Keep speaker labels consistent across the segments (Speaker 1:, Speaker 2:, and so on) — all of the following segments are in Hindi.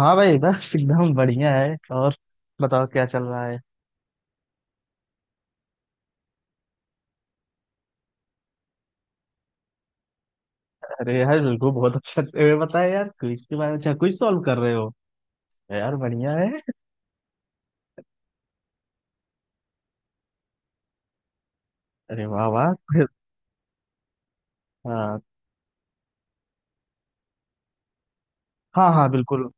Speaker 1: हाँ भाई बस एकदम बढ़िया है। और बताओ क्या चल रहा है? अरे यार बिल्कुल, बहुत अच्छा ये बताया यार, क्विज के बारे में। अच्छा क्विज सॉल्व कर रहे हो? यार बढ़िया है। अरे वाह वाह। quiz- हाँ हाँ, हाँ बिल्कुल।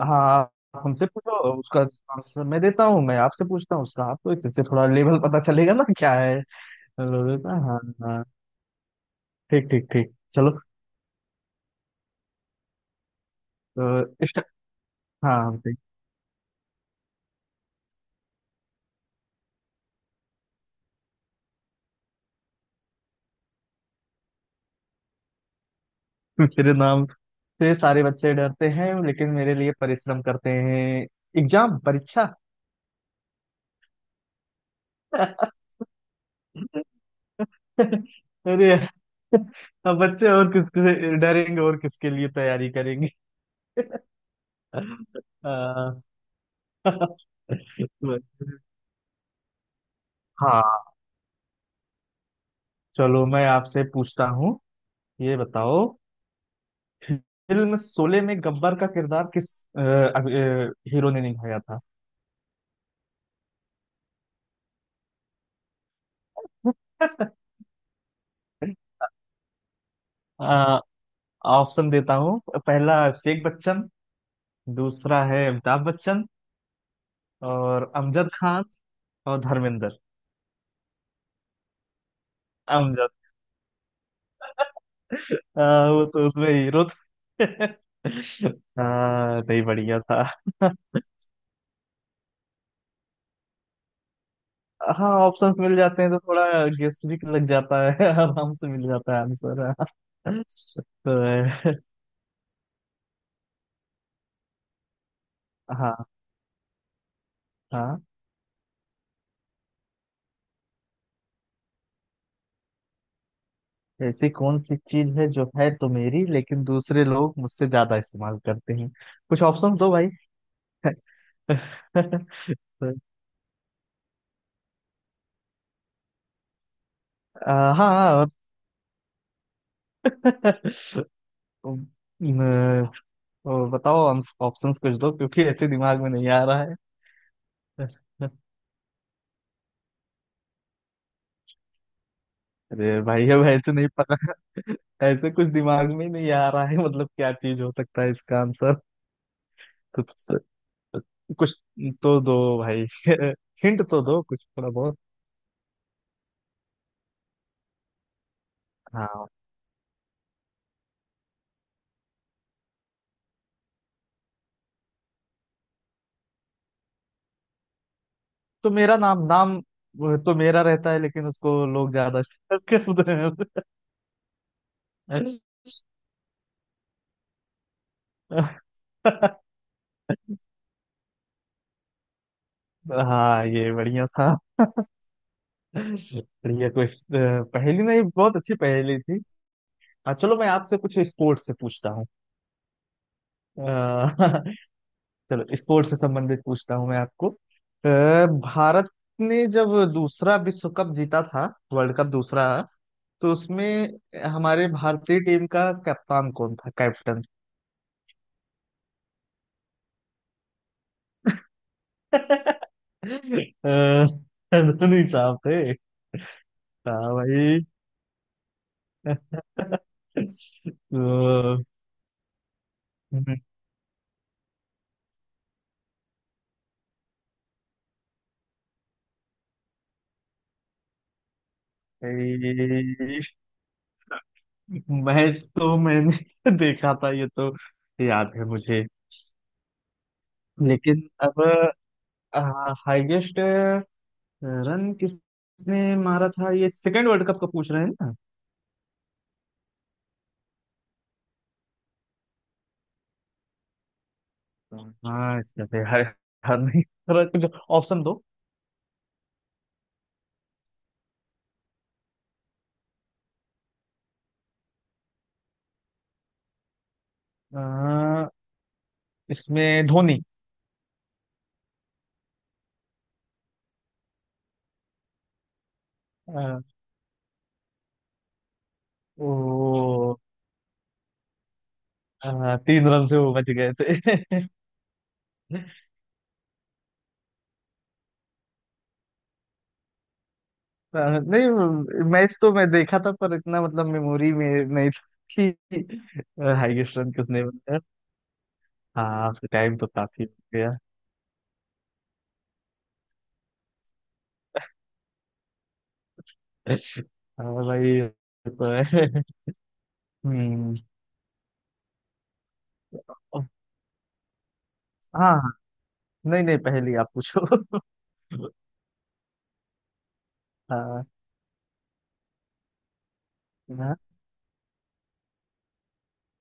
Speaker 1: हाँ आप हमसे पूछो, उसका आंसर मैं देता हूँ। मैं आपसे पूछता हूँ उसका, आपको इससे थोड़ा लेवल पता चलेगा ना क्या है। लोगे ना? हाँ हाँ। ठीक ठीक ठीक चलो। तो इस- हाँ, ठीक। मेरे नाम से सारे बच्चे डरते हैं लेकिन मेरे लिए परिश्रम करते हैं। एग्जाम, परीक्षा। अरे यार, अब बच्चे और किसके से डरेंगे और किसके लिए तैयारी करेंगे? अह, हाँ चलो मैं आपसे पूछता हूँ। ये बताओ, फिल्म शोले में गब्बर का किरदार किस हीरो ने निभाया था? अह, ऑप्शन देता हूँ। पहला अभिषेक बच्चन, दूसरा है अमिताभ बच्चन, और अमजद खान, और धर्मेंद्र। अमजद। वो तो उसमें हीरो। हाँ नहीं बढ़िया था। हाँ ऑप्शंस मिल जाते हैं तो थोड़ा गेस्ट भी लग जाता है आराम से मिल जाता है आंसर। तो हाँ हाँ, ऐसी कौन सी चीज है जो है तो मेरी लेकिन दूसरे लोग मुझसे ज्यादा इस्तेमाल करते हैं? कुछ ऑप्शन दो भाई। हाँ। न- ओ, बताओ। ऑप्शंस कुछ दो क्योंकि ऐसे दिमाग में नहीं आ रहा है। अरे भाई अब ऐसे नहीं, ऐसे कुछ दिमाग में ही नहीं आ रहा है मतलब। क्या चीज हो सकता है इसका आंसर? कुछ कुछ तो दो भाई। हिंट तो दो कुछ थोड़ा बहुत। हाँ तो मेरा नाम नाम, वो तो मेरा रहता है लेकिन उसको लोग ज्यादा शेयर करते हैं। हाँ ये बढ़िया था। बढ़िया कुछ पहेली नहीं, बहुत अच्छी पहेली थी। हाँ चलो मैं आपसे कुछ स्पोर्ट्स से पूछता हूँ। अ, चलो स्पोर्ट्स से संबंधित पूछता हूँ मैं आपको। भारत ने जब दूसरा विश्व कप जीता था, वर्ल्ड कप दूसरा, तो उसमें हमारे भारतीय टीम का कप्तान कौन था, कैप्टन? अ, धोनी साहब थे। हाँ भाई। तो भाई, मैच तो मैंने देखा था ये तो, याद है मुझे। लेकिन अब हाईएस्ट रन किसने मारा था ये सेकेंड वर्ल्ड कप का पूछ रहे हैं ना? हाँ इसका तो यार यार नहीं, थोड़ा कुछ ऑप्शन दो। अ, इसमें धोनी। अ, ओ। तीन रन से वो बच गए थे। नहीं मैच तो मैं देखा था पर इतना मतलब मेमोरी में नहीं था कि हाईएस्ट रन किसने बनाया। हाँ टाइम तो काफी हो गया। हाँ भाई ये तो है। हम्म। हाँ हाँ, नहीं नहीं पहली आप पूछो। हाँ। ना।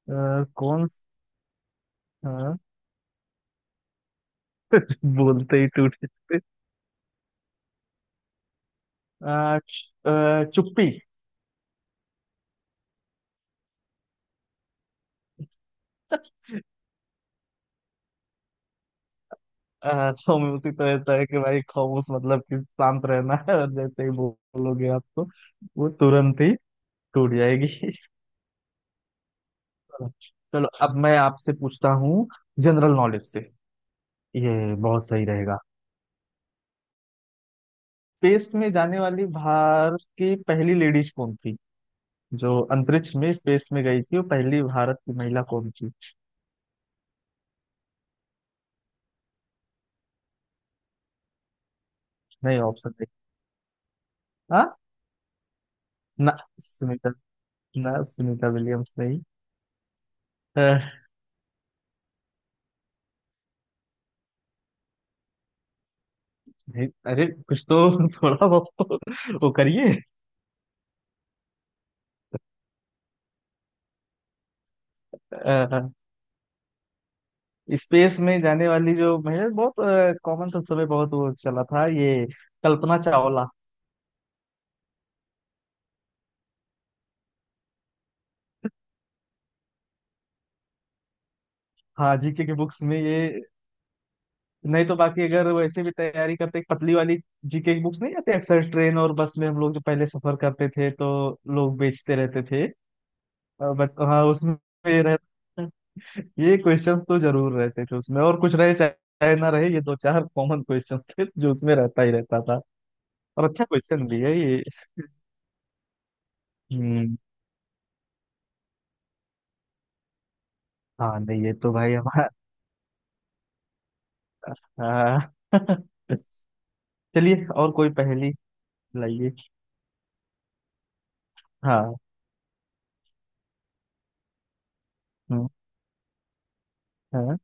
Speaker 1: कौन। हाँ। बोलते ही टूट जाते। चुप्पी। खामोशी तो ऐसा है कि भाई खामोश मतलब कि शांत रहना है, और जैसे ही बोलोगे आप तो वो तुरंत ही टूट जाएगी। चलो चलो, अब मैं आपसे पूछता हूँ जनरल नॉलेज से। ये बहुत सही रहेगा। स्पेस में जाने वाली भारत की पहली लेडीज कौन थी? जो अंतरिक्ष में, स्पेस में गई थी वो पहली भारत की महिला कौन थी? नहीं ऑप्शन नहीं। हाँ। ना ना, सुनीता विलियम्स नहीं। अ, नहीं, अरे कुछ तो थोड़ा बहुत तो वो करिए। अह, स्पेस में जाने वाली जो महिला, बहुत कॉमन था उस समय बहुत वो चला था ये, कल्पना चावला। हाँ जीके की बुक्स में ये। नहीं तो बाकी अगर वैसे भी तैयारी करते, एक पतली वाली जीके की बुक्स नहीं आती अक्सर ट्रेन और बस में, हम लोग जो पहले सफर करते थे तो लोग बेचते रहते थे। बट हाँ उसमें ये रहता, ये क्वेश्चंस तो जरूर रहते थे उसमें, और कुछ रहे चाहे चाहे ना रहे ये दो चार कॉमन क्वेश्चंस थे जो उसमें रहता ही रहता था। और अच्छा क्वेश्चन भी है ये। हम्म। हाँ नहीं ये तो भाई हमारा। हाँ। चलिए और कोई पहेली लाइए। हाँ। हम्म, हाँ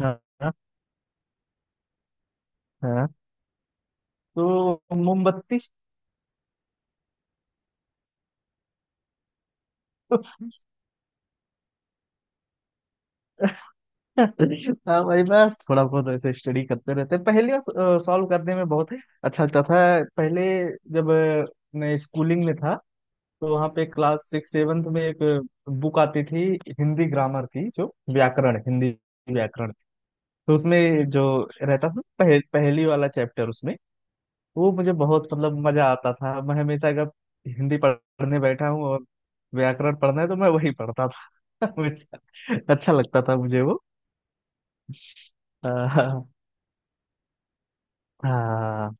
Speaker 1: हाँ हाँ। हाँ। तो मोमबत्ती। हाँ भाई बस थोड़ा बहुत ऐसे स्टडी करते रहते हैं। पहेलियाँ सॉल्व करने में बहुत अच्छा लगता था पहले, जब मैं स्कूलिंग में था, तो वहाँ पे क्लास सिक्स सेवन्थ में एक बुक आती थी हिंदी ग्रामर की, जो व्याकरण, हिंदी व्याकरण, तो उसमें जो रहता था पहेली वाला चैप्टर उसमें, वो मुझे बहुत मतलब मजा आता था। मैं हमेशा अगर हिंदी पढ़ने बैठा हूँ और व्याकरण पढ़ना है तो मैं वही पढ़ता था हमेशा। अच्छा लगता था मुझे वो। हाँ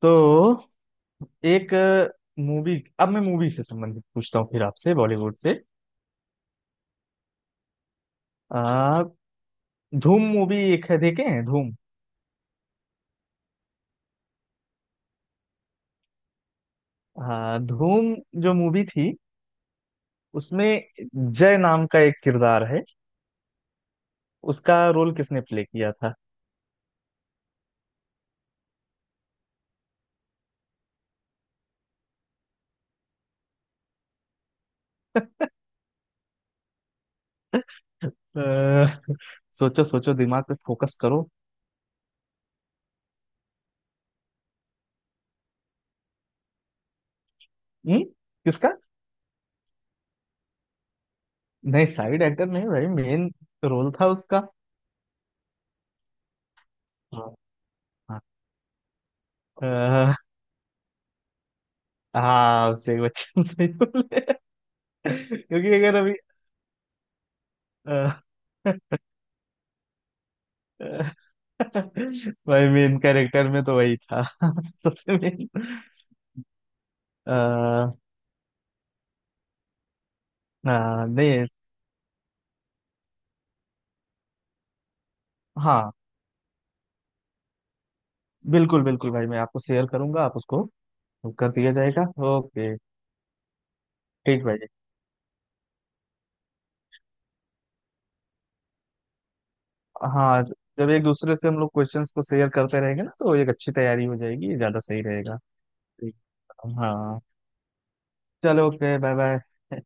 Speaker 1: तो एक मूवी, अब मैं मूवी से संबंधित पूछता हूँ फिर आपसे, बॉलीवुड से। आ, धूम मूवी एक है, देखे हैं धूम? हाँ, धूम जो मूवी थी उसमें जय नाम का एक किरदार है, उसका रोल किसने प्ले किया था? अ, सोचो सोचो दिमाग पे फोकस करो। हम्म। किसका? नहीं साइड एक्टर नहीं भाई, मेन रोल था उसका। हाँ। हाँ। अ, हाँ, उससे बच्चन सही बोले। क्योंकि अगर अभी अ, भाई मेन कैरेक्टर में तो वही था सबसे मेन। हाँ। नहीं हाँ बिल्कुल बिल्कुल भाई, मैं आपको शेयर करूंगा, आप उसको कर दिया जाएगा। ओके। ठीक भाई। हाँ, जब एक दूसरे से हम लोग क्वेश्चंस को शेयर करते रहेंगे ना तो एक अच्छी तैयारी हो जाएगी, ज्यादा सही रहेगा। ठीक। हाँ चलो, ओके बाय बाय।